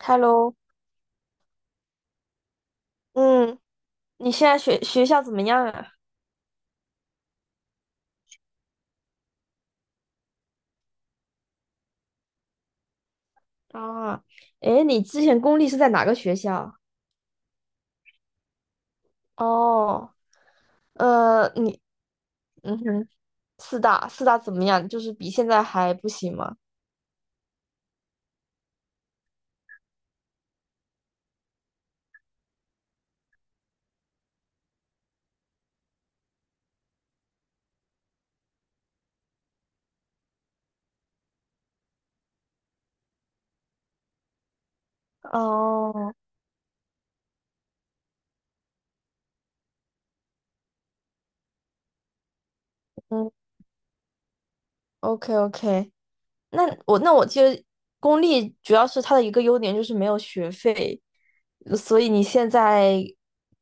Hello，嗯，你现在学校怎么样啊？啊，诶，你之前公立是在哪个学校？哦，呃，你，嗯哼，四大怎么样？就是比现在还不行吗？哦，嗯，OK OK，那我记得公立主要是它的一个优点就是没有学费，所以你现在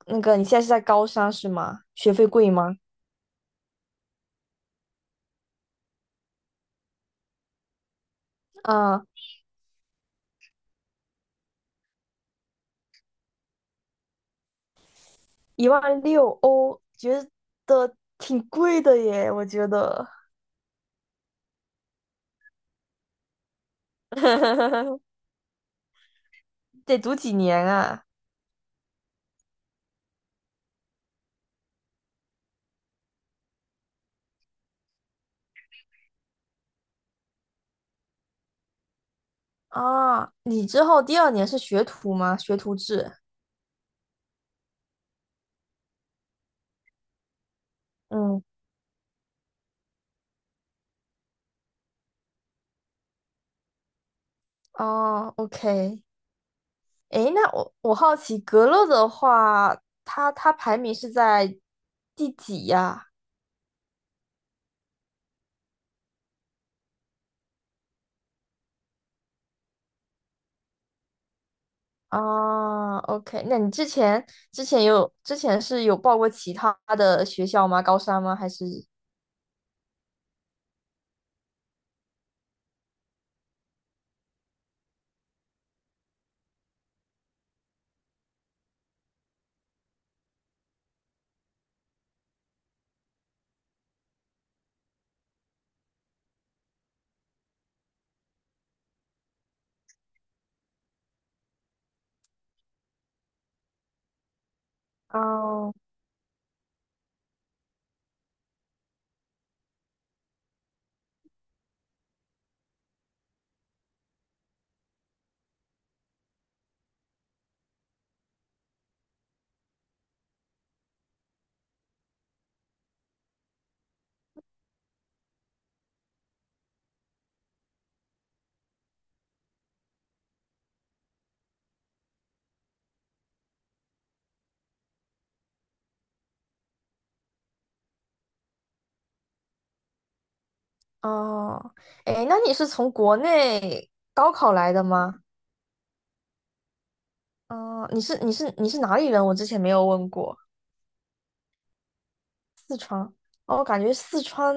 那个你现在是在高三是吗？学费贵吗？啊。1.6万欧，觉得挺贵的耶，我觉得。得读几年啊？啊，你之后第二年是学徒吗？学徒制。嗯，哦，OK。诶，那我好奇，格勒的话，它排名是在第几呀？啊，OK。那你之前有报过其他的学校吗？高三吗？还是？哦哦，哎，那你是从国内高考来的吗？嗯，你是哪里人？我之前没有问过。哦，我感觉四川，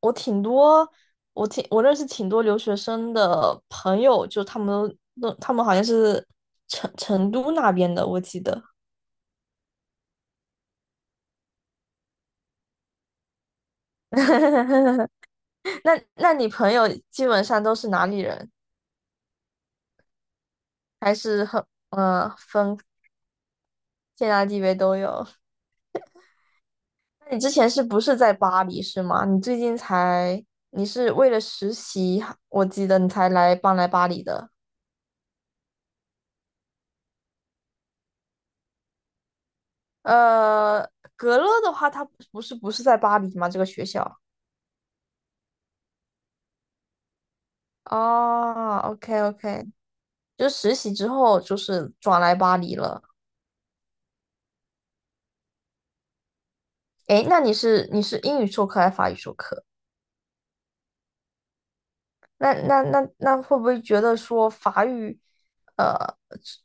我挺多，我认识挺多留学生的朋友，就他们好像是成都那边的，我记得。那你朋友基本上都是哪里人？还是很嗯呃分天南地北都有？那你之前是不是在巴黎是吗？你最近才，你是为了实习，我记得你才来搬来巴黎的。呃，格勒的话，他不是在巴黎吗？这个学校哦，OK OK，就实习之后就是转来巴黎了。诶，那你是英语授课还是法语授课？那会不会觉得说法语，呃，职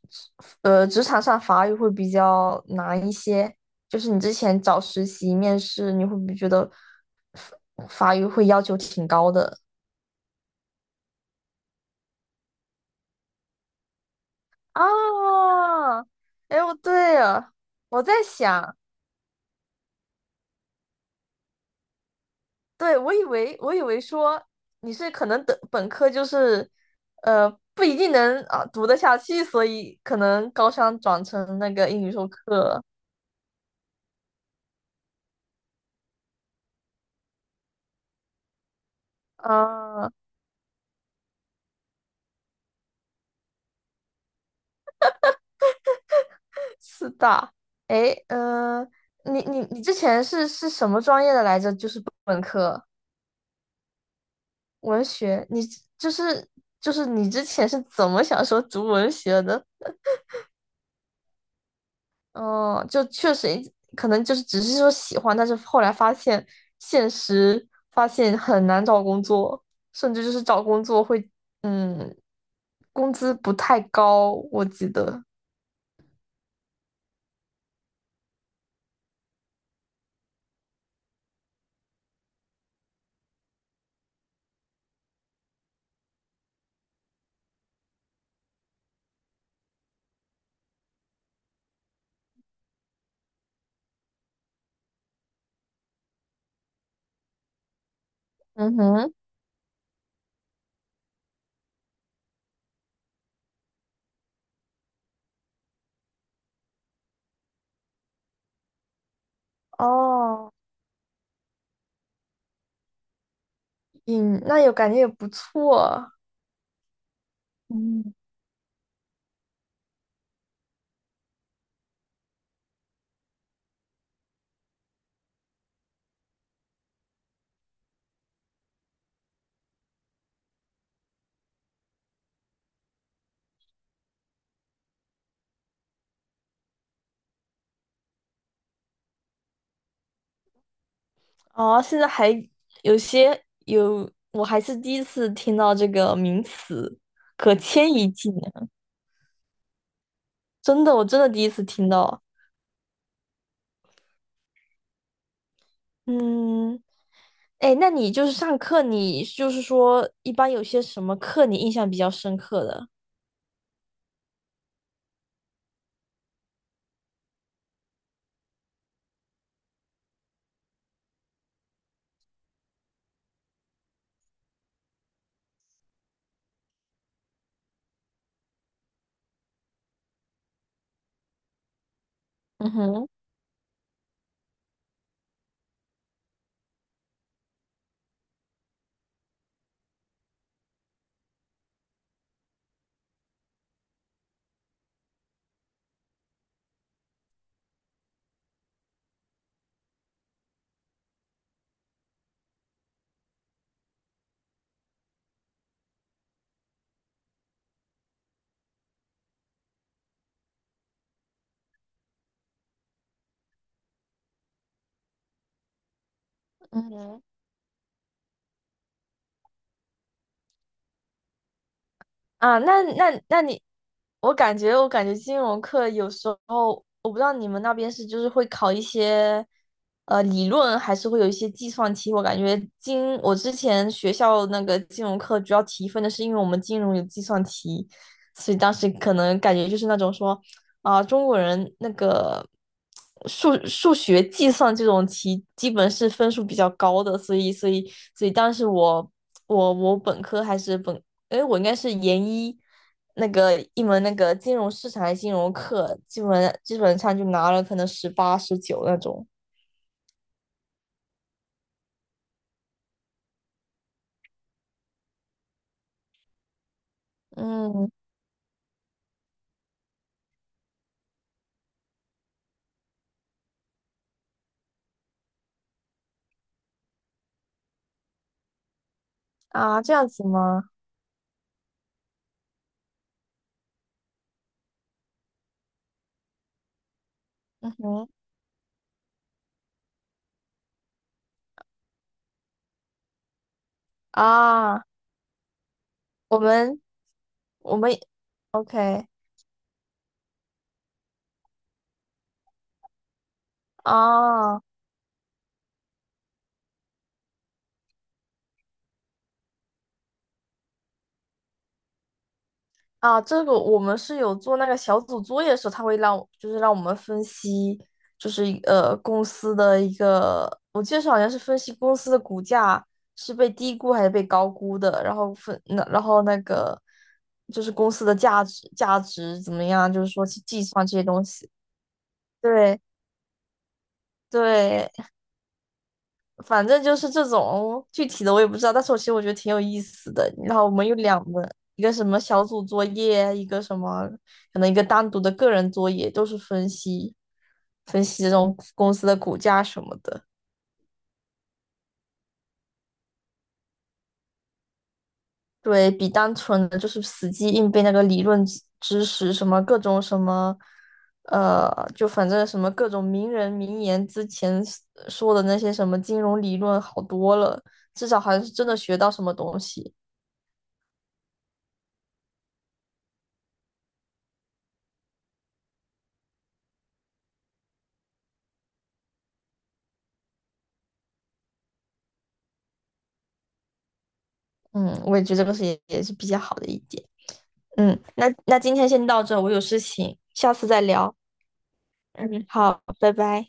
职场上法语会比较难一些？就是你之前找实习面试，你会不会觉得法法语会要求挺高的啊？哎，我对了，我在想，对，我以为说你是可能的本科就是不一定能啊读得下去，所以可能高三转成那个英语授课啊。四大，诶，你之前是什么专业的来着？就是本科文学，你就是就是你之前是怎么想说读文学的？哦、就确实可能就是只是说喜欢，但是后来发现很难找工作，甚至就是找工作会嗯，工资不太高，我记得。嗯哼，哦，嗯，那有感觉也不错。嗯。哦，现在还有，我还是第一次听到这个名词，可迁移技能，真的，我真的第一次听到。嗯，哎，那你就是上课，你就是说一般有些什么课你印象比较深刻的？嗯哼，嗯哼啊，那你，我感觉金融课有时候，我不知道你们那边是就是会考一些，理论还是会有一些计算题。我感觉金，我之前学校那个金融课主要提分的是因为我们金融有计算题，所以当时可能感觉就是那种说，啊、中国人那个数学计算这种题基本是分数比较高的，所以当时我本科还是哎，我应该是研一那个一门那个金融市场还是金融课，基本上就拿了可能十八十九那种。嗯啊，这样子吗？嗯哼啊，我们我们 OK 啊，啊，这个我们是有做那个小组作业的时候，他会让就是让我们分析，就是公司的一个，我记得是好像是分析公司的股价是被低估还是被高估的，然后那个就是公司的价值怎么样，就是说去计算这些东西。对对，反正就是这种具体的我也不知道，但是我其实我觉得挺有意思的。然后我们有两门，一个什么小组作业，一个什么可能一个单独的个人作业，都是分析这种公司的股价什么的。对比单纯的就是死记硬背那个理论知识，什么各种什么，呃，就反正什么各种名人名言之前说的那些什么金融理论好多了，至少还是真的学到什么东西。嗯，我也觉得这个是也是比较好的一点。嗯，那今天先到这，我有事情，下次再聊。嗯，好，拜拜。